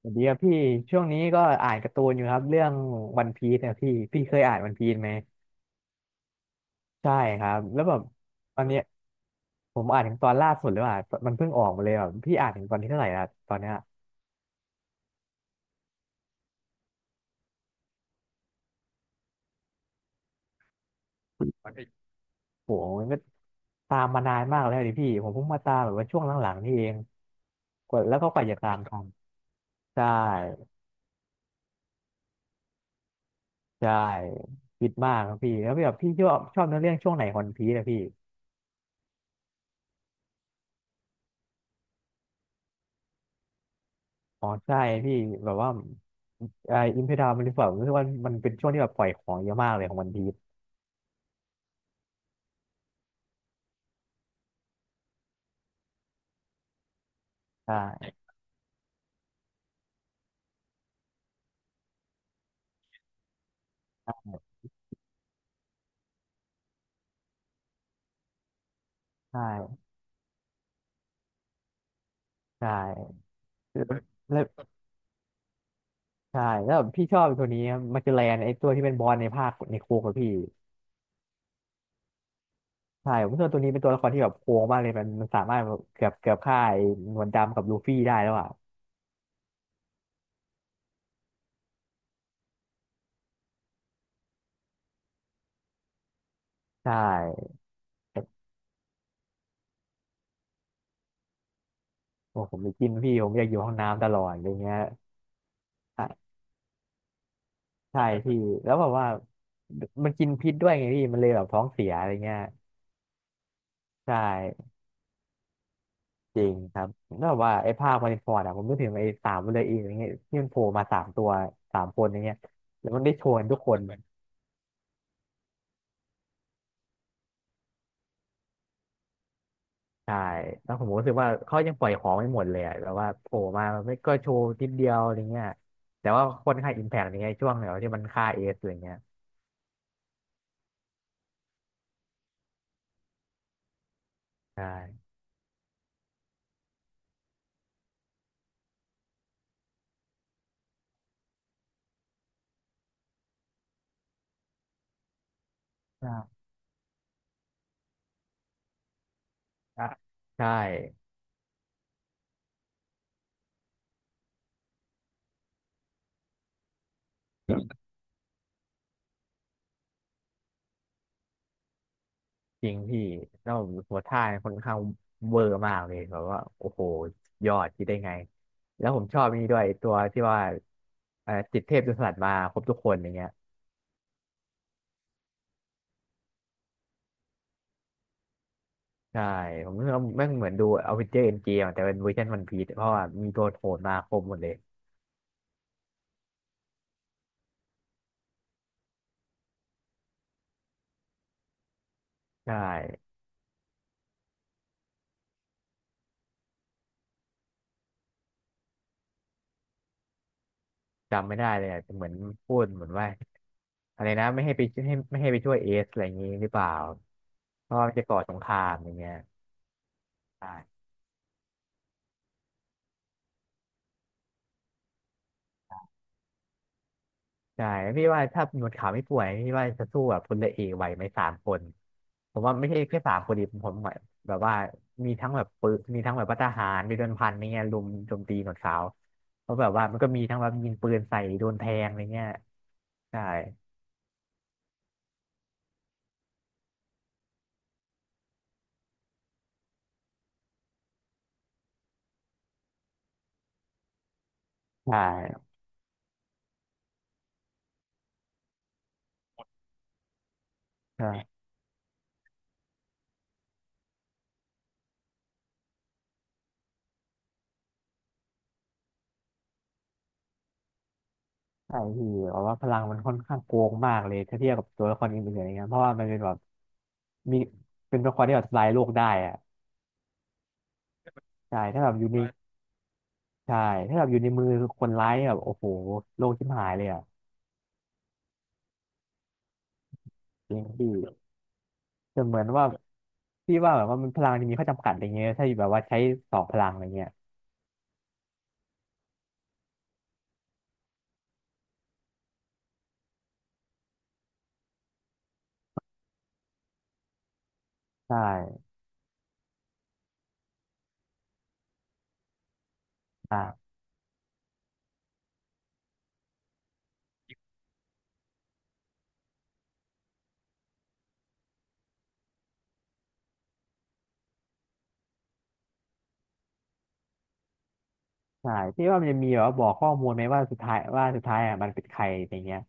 สวัสดีครับพี่ช่วงนี้ก็อ่านการ์ตูนอยู่ครับเรื่องวันพีซเนี่ยพี่เคยอ่านวันพีซไหมใช่ครับแล้วแบบตอนเนี้ยผมอ่านถึงตอนล่าสุดหรือเปลว่ามันเพิ่งออกมาเลยแบบพี่อ่านถึงตอนที่เท่าไหร่แล้วตอนเนี้ยโหมันก็ตามมานานมากแล้วดิพี่ผมเพิ่งมาตามแบบว่าช่วงหลังๆนี่เองกว่าแล้วก็กว่าจะตามทันใช่ใช่คิดมากครับพี่แล้วแบบพี่ชอบเนื้อเรื่องช่วงไหนของวันพีซอะพี่ อ๋อใช่พี่แบบว่าไอ้อิมเพดามันรู้สึกว่ามันเป็นช่วงที่แบบปล่อยของเยอะมากเลยของวันพีชใช่ใช่ใช่แล้วใช่แล้วแบบพี่ชอบตัวนี้มาเจอแลนไอ้ตัวที่เป็นบอสในภาคในโคกับพี่ใช่ผมรู้สึกว่าตัวนี้เป็นตัวละครที่แบบโค้งมากเลยมันสามารถแบบเกือบฆ่าไอ้หนวดดำกับลูฟี่ได้แล้วอ่ะใช่โอ้ผมไปกินพี่ผมอยากอยู่ห้องน้ำตลอดอะไรเงี้ยใช่ใช่พี่แล้วแบบว่ามันกินพิษด้วยไงพี่มันเลยแบบท้องเสียอะไรเงี้ยใช่ จริงครับแล้วแบบว่าไอ้ภาคมาริฟอร์ดอะผมนึกถึงไอ้สามเลยอีอย่างเงี้ยที่มันโผล่มาสามตัวสามคนอย่างเงี้ยแล้วมันได้โชว์กันทุกคนใช่แล้วผมรู้สึกว่าเขายังปล่อยของไม่หมดเลยอะแบบว่าโผล่มาไม่ก็โชว์นิดเดียวอะไรเงี้ยแต่ว่าคนค่าอิมแพกอย่างเงี้ยช่วงเดียวที่มันฆ่าเอสอะไรเงี้ยใช่ ใช่ใช่ จริงพี่ แล้วหัวท่าเนี่ยค่อนข้างเวอร์มากเลยแบบว่าโอ้โหยอดคิดได้ไง แล้วผมชอบนี่ด้วยตัวที่ว่าจิตเทพจนสลัดมาครบทุกคนอย่างเงี้ยใช่ผมรู้สึกว่าแม่งเหมือนดูอเวนเจอร์เอ็นเกมแต่เป็นเวอร์ชันวันพีซเพราะว่ามีตัวโหดมาครบหมดเลยใช่จำไม่ได้เลยอะแต่เหมือนพูดเหมือนว่าอะไรนะไม่ให้ไปให้ไม่ให้ไปช่วยเอสอะไรอย่างงี้หรือเปล่าเพราะว่ามันจะก่อสงครามอย่างเงี้ยใช่ ใช่พี่ว่าถ้าหนวดขาวไม่ป่วยพี่ว่าจะสู้แบบพลเรือเอกไหวไหมสามคนผมว่าไม่ใช่แค่สามคนดิผมหมายแบบว่ามีทั้งแบบปืนมีทั้งแบบพหารมีโดนพันอะไรเงี้ยลุมโจมตีหนวดขาวเพราะแบบว่ามันก็มีทั้งแบบยิงปืนใส่โดนแทงอะไรเงี้ยใช่ใช่ใช่ใช่พี่เพราะว่าพลังมันค่อนข้างโกงมากเลยถ้าเทียบกับตัวละครอื่นๆอะไรเงี้ยเพราะว่ามันเป็นแบบมีเป็นตัวละครที่แบบทำลายโลกได้อะใช่ถ้าแบบอยู่ในใช่ถ้าแบบอยู่ในมือคนร้ายเนี่ยแบบโอ้โหโลกชิบหายเลยอะ จริงพี่แต่เหมือนว่าพี่ว่าแบบว่ามันพลังที่มีข้อจำกัดอะไรเงี้ยถ้าแบบว่าใช้สองพลังอะไรเงี้ยใช่อ่าใช่พี่ว่ามันจะมีแบบว่าบอกข้อมูลไหมว่าสุดท้ายว่าสุดท้ายอ่ะมันเป็นใครอะไรเงี้ย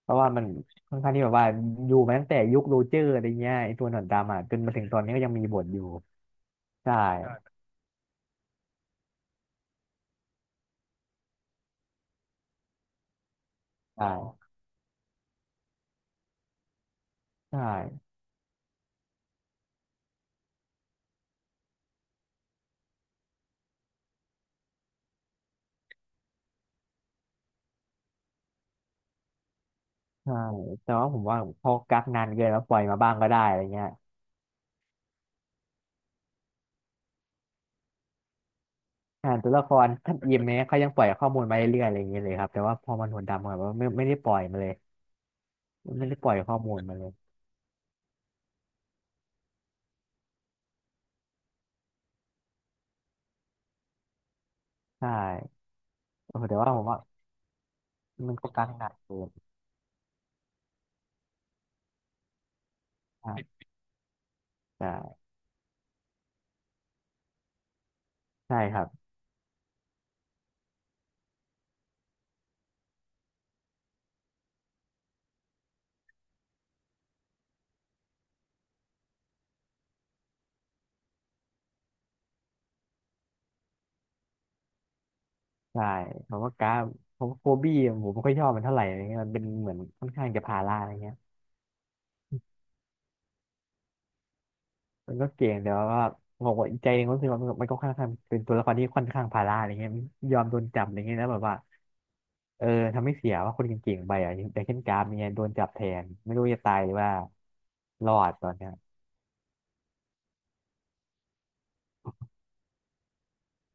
เพราะว่ามันค่อนข้างที่แบบว่าอยู่มาตั้งแต่ยุคโรเจอร์อะไรเงี้ยไอตัวหนอนดำอ่ะจนมาถึงตอนนี้ก็ยังมีบทอยู่ใช่ใช่ใช่ใช่แต่ว่าผมว่าพอกักนานเกินแล้วปล่อยมาบ้างก็ได้อะไรเงี้ยอ่านตัวละครท่านเอ็มเนี่ยเขายังปล่อยข้อมูลมาเรื่อยๆอะไรอย่างเงี้ยเลยครับแต่ว่าพอมันหนวดดำอะแบบว่าไม่ได้ปล่อยมาเลย มันไม่ได้ปล่อยข้อมูลมาเลยใช่โอ้โหแต่ว่าผมว่ามันก็การทำงานเกินใช่ใช่ใช่ครับใช่ผมว่าการผมว่าโฟบี้ผมไม่ค่อยชอบมันเท่าไหร่อะไรเงี้ยมันเป็นเหมือนค่อนข้างจะภาระอะไรเงี้ยมันก็เก่งแต่ว่าผมว่าอีกใจหนึงก็รู้สึกว่ามันก็ค่อนข้างเป็นตัวละครที่ค่อนข้างภาระอะไรเงี้ยยอมโดนจับอะไรเงี้ยแล้วแบบว่าเออทำให้เสียว่าคนเก่งๆไปอ่ะอย่างเช่นกราฟเนี่ยโดนจับแทนไม่รู้จะตายหรือว่ารอดตอนเนี้ย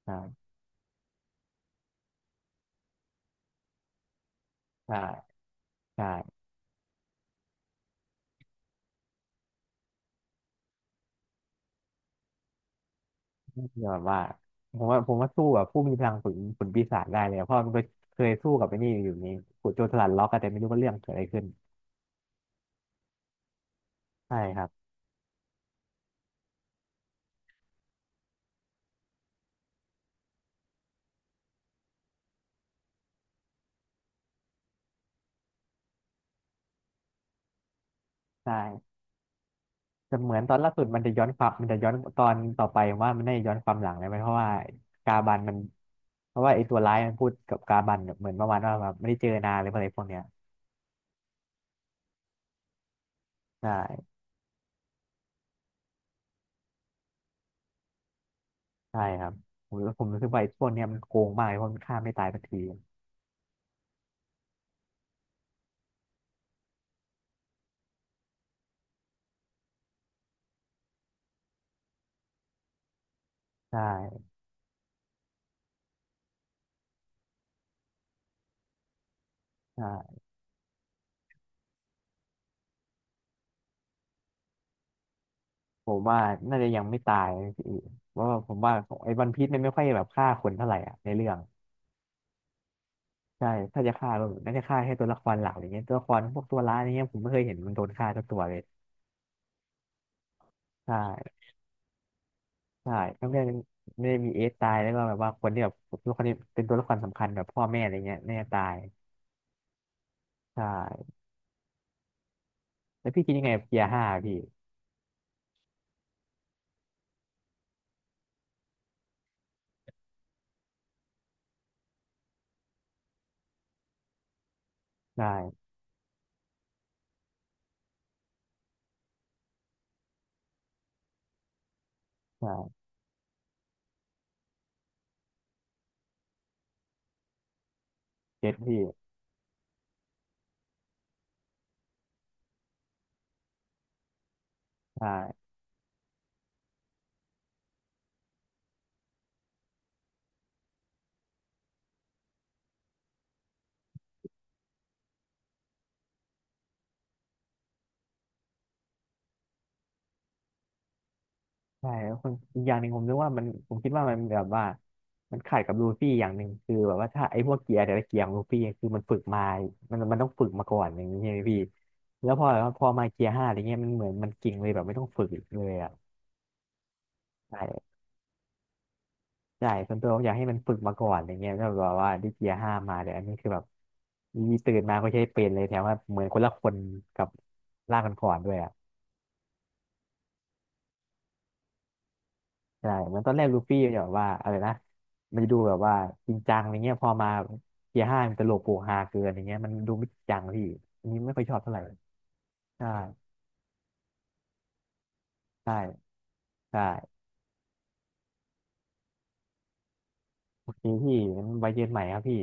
อ่าใช่ใช่ ยอดว่าผมว่าสู้กับผู้มีพลังฝืนปีศาจได้เลยอะเพราะมันก็เคยสู้กับไอ้นี่อยู่นี่ขุดโจรสลัดล็อกอะแต่ไม่รู้ว่าเรื่องเกิดอะไรขึ้นใช่ครับใช่แต่เหมือนตอนล่าสุดมันจะย้อนความมันจะย้อนตอนต่อไปผมว่ามันได้ย้อนความหลังเลยไหมเพราะว่ากาบันมันเพราะว่าไอ้ตัวร้ายมันพูดกับกาบันแบบเหมือนประมาณว่าแบบไม่ได้เจอนานหรืออะไรพวกเนี้ยใช่ใช่ครับผมรู้สึกว่าไอ้พวกเนี้ยมันโกงมากเลยเพราะมันฆ่าไม่ตายสักทีใช่ใช่ ผมว่าน่าจะยังไม่ตายนะพี่เพราะว่าผมว่าไอ้วันพีซมันไม่ค่อยแบบฆ่าคนเท่าไหร่อ่ะในเรื่องใช่ถ้าจะฆ่าก็น่าจะฆ่าแค่ตัวละครหลักอย่างเงี้ยตัวละครพวกตัวร้ายอย่างเงี้ยผมไม่เคยเห็นมันโดนฆ่าสักตัวเลยใช่ใช่ทั้งเรื่องไม่ได้มีเอสตายแล้วก็แบบว่าคนที่แบบตัวละครนี้เป็นตัวละครสำคัญแบบพ่อแม่อะไรเงี้ยน่าจะตายใช่แล้วพี่คิดยังไงกับเกียร์ห้าพี่ใช่ใช่เจ็ดพี่ใช่ ใช่แล้วคนอีกอย่างหนึ่งผมคิดว่ามันแบบว่ามันขัดกับลูฟี่อย่างหนึ่งคือแบบว่าถ้าไอ้พวกเกียร์แต่ละเกียร์ของลูฟี่คือมันฝึกมามันต้องฝึกมาก่อนอย่างนี้ใช่ไหมพี่แล้วพอแบบว่าพอมาเกียร์ห้าอะไรเงี้ยมันเหมือนมันเก่งเลยแบบไม่ต้องฝึกอีกเลยอ่ะใช่ใช่ส่วนตัวผมอยากให้มันฝึกมาก่อนอย่างเงี้ยแล้วแบบว่าได้เกียร์ห้ามาแต่อันนี้คือแบบมีตื่นมาก็ใช้เป็นเลยแถมว่าเหมือนคนละคนกับร่างก่อนๆด้วยอ่ะ ใช่เหมือนตอนแรกลูฟี่เนี่ยแบบว่าอะไรนะมันจะดูแบบว่าจริงจังอะไรเงี้ยพอมาเกียร์ห้ามันตลกโปกฮาเกินอย่างเงี้ยมันดูไม่จริงจังพี่ อันนี้ไม่ค่อยชอบเท่าไหร่ ใช่ใช่ใช่โอเคพี่งั้นไว้เจอกันใหม่ครับพี่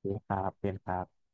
โอเคครับเป็นครับ